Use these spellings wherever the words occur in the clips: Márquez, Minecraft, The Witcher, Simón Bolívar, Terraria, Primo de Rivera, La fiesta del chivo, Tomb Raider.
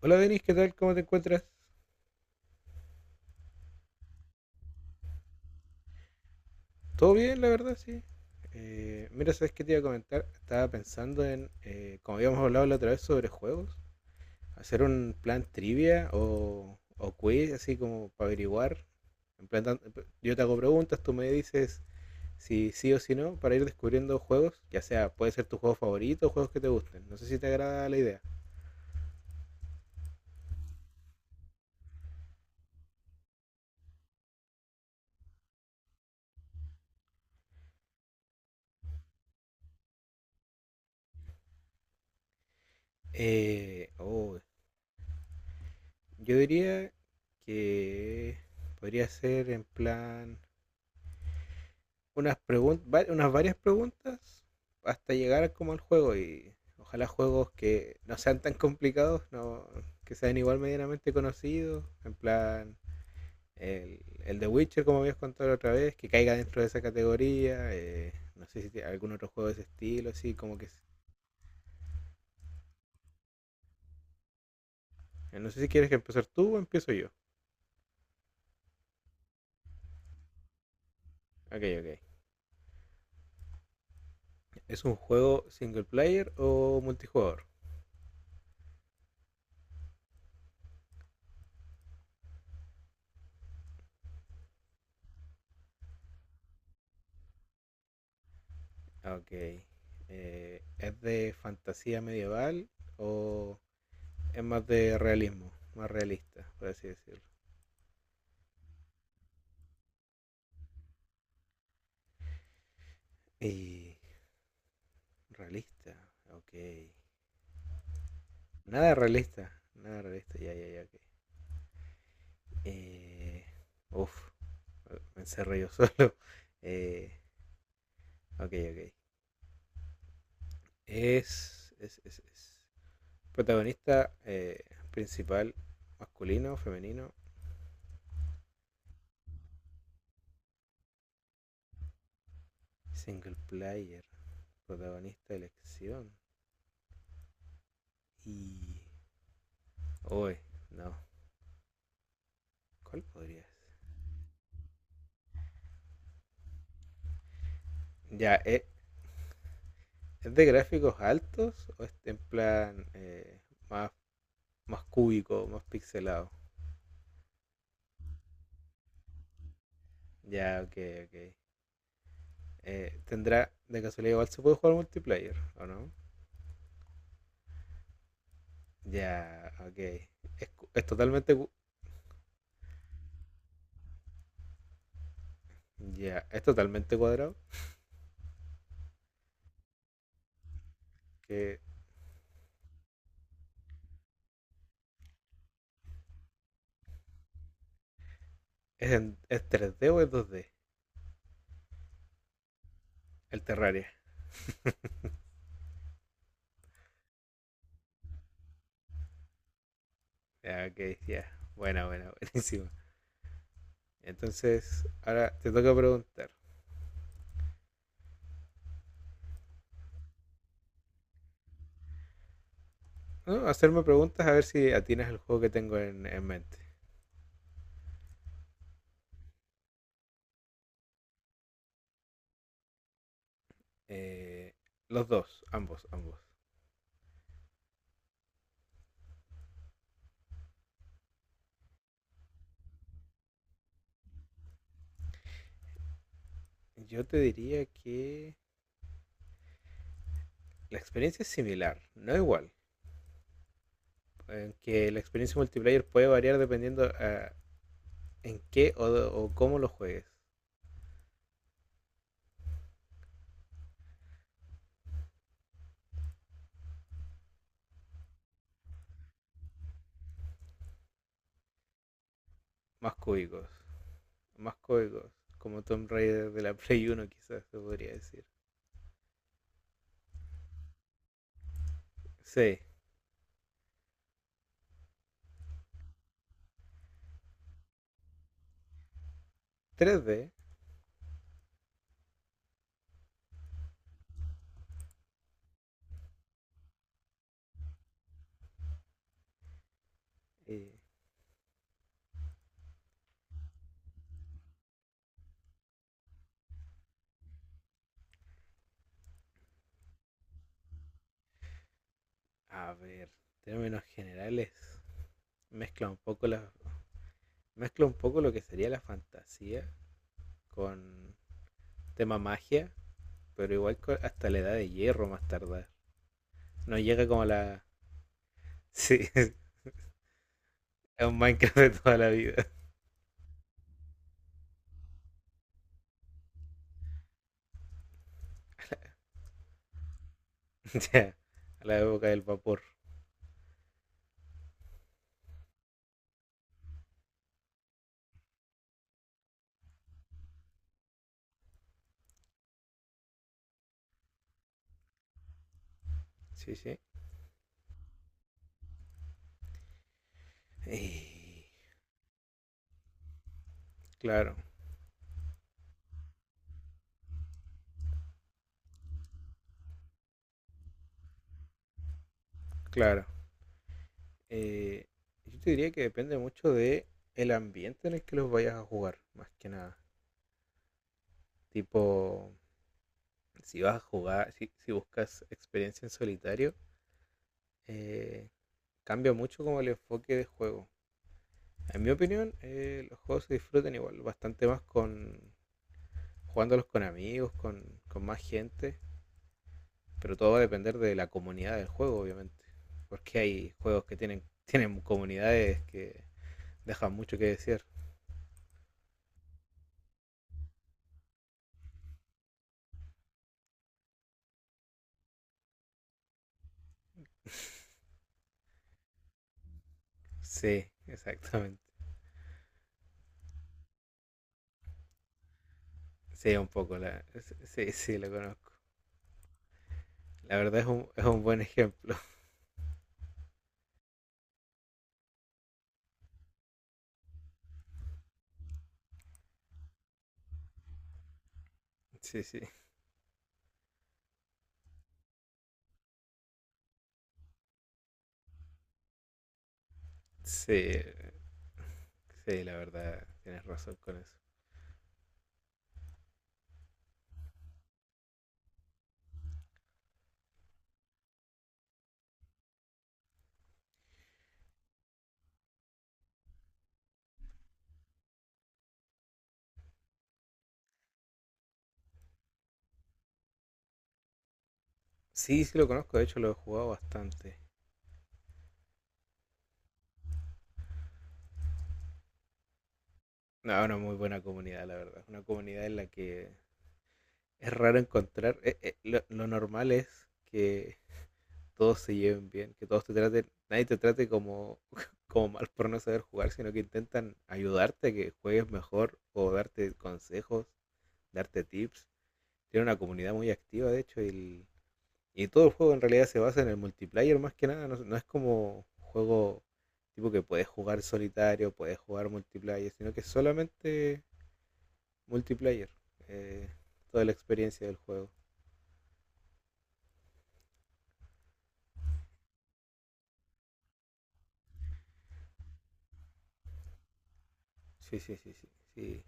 Hola Denis, ¿qué tal? ¿Cómo te encuentras? ¿Todo bien, la verdad? Sí. Mira, ¿sabes qué te iba a comentar? Estaba pensando en, como habíamos hablado la otra vez sobre juegos, hacer un plan trivia o quiz, así como para averiguar. En plan, yo te hago preguntas, tú me dices si sí o si no, para ir descubriendo juegos, ya sea, puede ser tu juego favorito o juegos que te gusten. No sé si te agrada la idea. Eh, oh, yo diría que podría ser en plan, unas, preguntas unas varias preguntas hasta llegar como al juego y ojalá juegos que no sean tan complicados, no, que sean igual medianamente conocidos, en plan el The Witcher como habías contado la otra vez, que caiga dentro de esa categoría, no sé si tiene algún otro juego de ese estilo, así como que... No sé si quieres que empezar tú o empiezo yo. Ok, ok. ¿Es un juego single player o multijugador? Ok. ¿Es de fantasía medieval o es más de realismo, más realista, por así decirlo? Y realista, ok. Nada realista, nada realista, ya, ya, ya, ok. Eh, uf, me encerré yo solo. Eh, ok, ok. Es. Protagonista principal, masculino, femenino, single player, protagonista de elección. Y... uy, no. ¿Cuál podría ser? Ya, ¿es de gráficos altos o es en plan más, más cúbico, más pixelado? Ya, ok, ok. ¿Tendrá, de casualidad, igual se puede jugar multiplayer o no? Ya, ok. Es, cu- es totalmente, cu- ya, es totalmente cuadrado. Que ¿Es 3D o es 2D? El Terraria. Ya, ok, ya. Buena, buena, buenísima. Entonces, ahora te toca preguntar. ¿No? Hacerme preguntas a ver si atinas el juego que tengo en mente. Eh, los dos, ambos, ambos. Yo te diría que la experiencia es similar, no igual. Que la experiencia multiplayer puede variar dependiendo en qué o cómo lo juegues. Más cúbicos, más cúbicos. Como Tomb Raider de la Play uno quizás se podría decir. Sí, 3D. eh, a ver, términos generales. Mezcla un poco la, mezcla un poco lo que sería la fantasía con tema magia pero igual hasta la edad de hierro más tardar. No llega como a la... Sí, a un Minecraft de toda la vida. Ya, a la época del vapor. Sí, sí. Eh, claro, claro. Eh, yo te diría que depende mucho de el ambiente en el que los vayas a jugar, más que nada. Tipo, si buscas experiencia en solitario, eh, cambia mucho como el enfoque de juego. En mi opinión, los juegos se disfrutan igual, bastante más con jugándolos con amigos, con más gente, pero todo va a depender de la comunidad del juego, obviamente, porque hay juegos que tienen, tienen comunidades que dejan mucho que decir. Sí, exactamente. Sí, un poco, la, sí, sí, sí, lo conozco. La verdad es un buen ejemplo. Sí, sí, sí, sí, la verdad, tienes razón con eso. Sí, sí lo conozco, de hecho lo he jugado bastante. No, una muy buena comunidad, la verdad. Una comunidad en la que es raro encontrar, lo normal es que todos se lleven bien, que todos te traten, nadie te trate como, como mal por no saber jugar, sino que intentan ayudarte a que juegues mejor o darte consejos, darte tips. Tiene una comunidad muy activa, de hecho, y, y todo el juego en realidad se basa en el multiplayer más que nada, no, no es como juego tipo que puedes jugar solitario, puedes jugar multiplayer, sino que es solamente multiplayer, eh, toda la experiencia del juego. Sí, sí, sí, sí.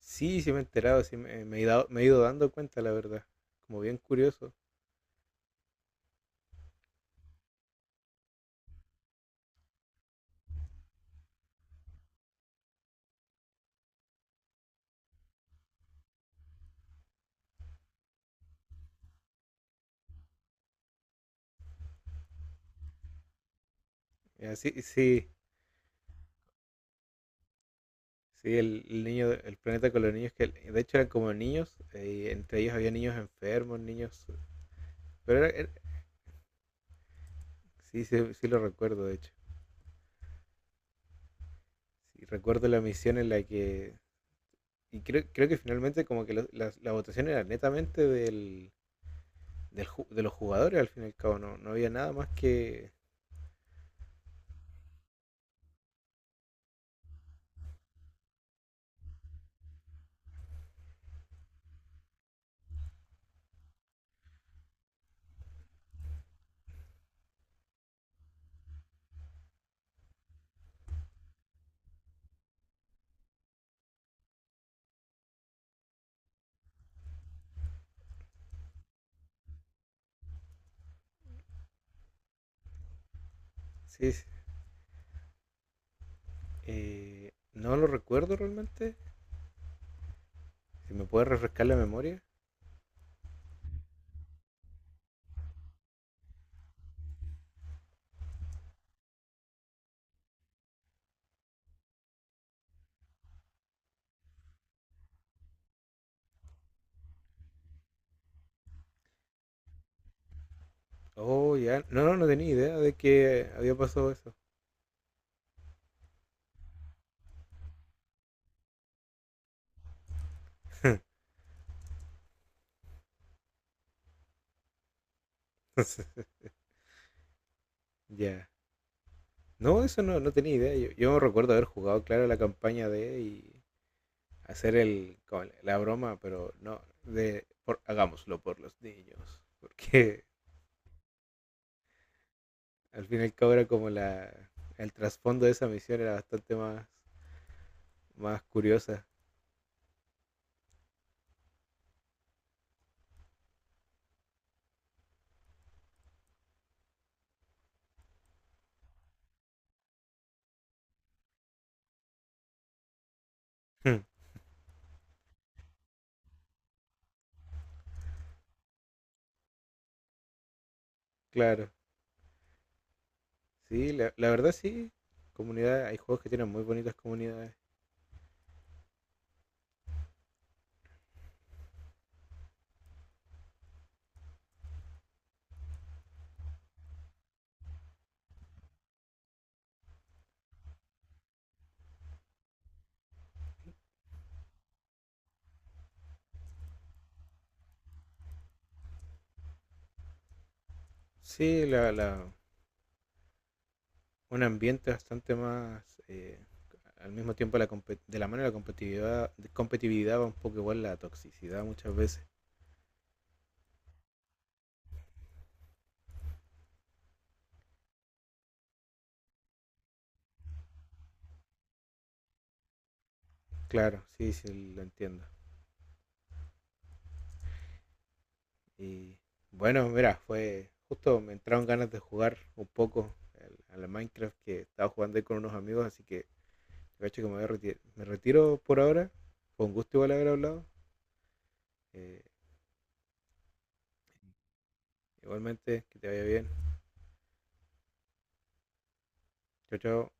Sí, sí, sí me he enterado, sí me, me he ido dando cuenta, la verdad. Como bien curioso. Y así, sí, sí, el planeta con los niños, que de hecho eran como niños, y entre ellos había niños enfermos, niños... Pero era- era- sí, sí, sí lo recuerdo, de hecho. Sí, recuerdo la misión en la que... Y creo, creo que finalmente como que la votación era netamente del, de los jugadores, al fin y al cabo, no, no había nada más que... Sí, sí, no lo recuerdo realmente. Si me puede refrescar la memoria. Oh, ya. No, no no tenía idea de que había pasado eso. Ya. No, eso no, no tenía idea. Yo recuerdo haber jugado, claro, la campaña de y hacer el, como la broma, pero no, hagámoslo por los niños. Porque al fin y al cabo era como la, el trasfondo de esa misión era bastante más, más curiosa. Claro. Sí, la verdad sí. Comunidad, hay juegos que tienen muy bonitas comunidades. Sí, la, un ambiente bastante más... al mismo tiempo de la mano de la competitividad, competitividad va un poco igual la toxicidad muchas veces. Claro, sí, sí, lo entiendo. Y bueno, mira, fue justo me entraron ganas de jugar un poco a la Minecraft que estaba jugando ahí con unos amigos, así que de hecho que me, me retiro por ahora. Fue un gusto igual haber hablado. Eh, igualmente, que te vaya bien. Chao, chao.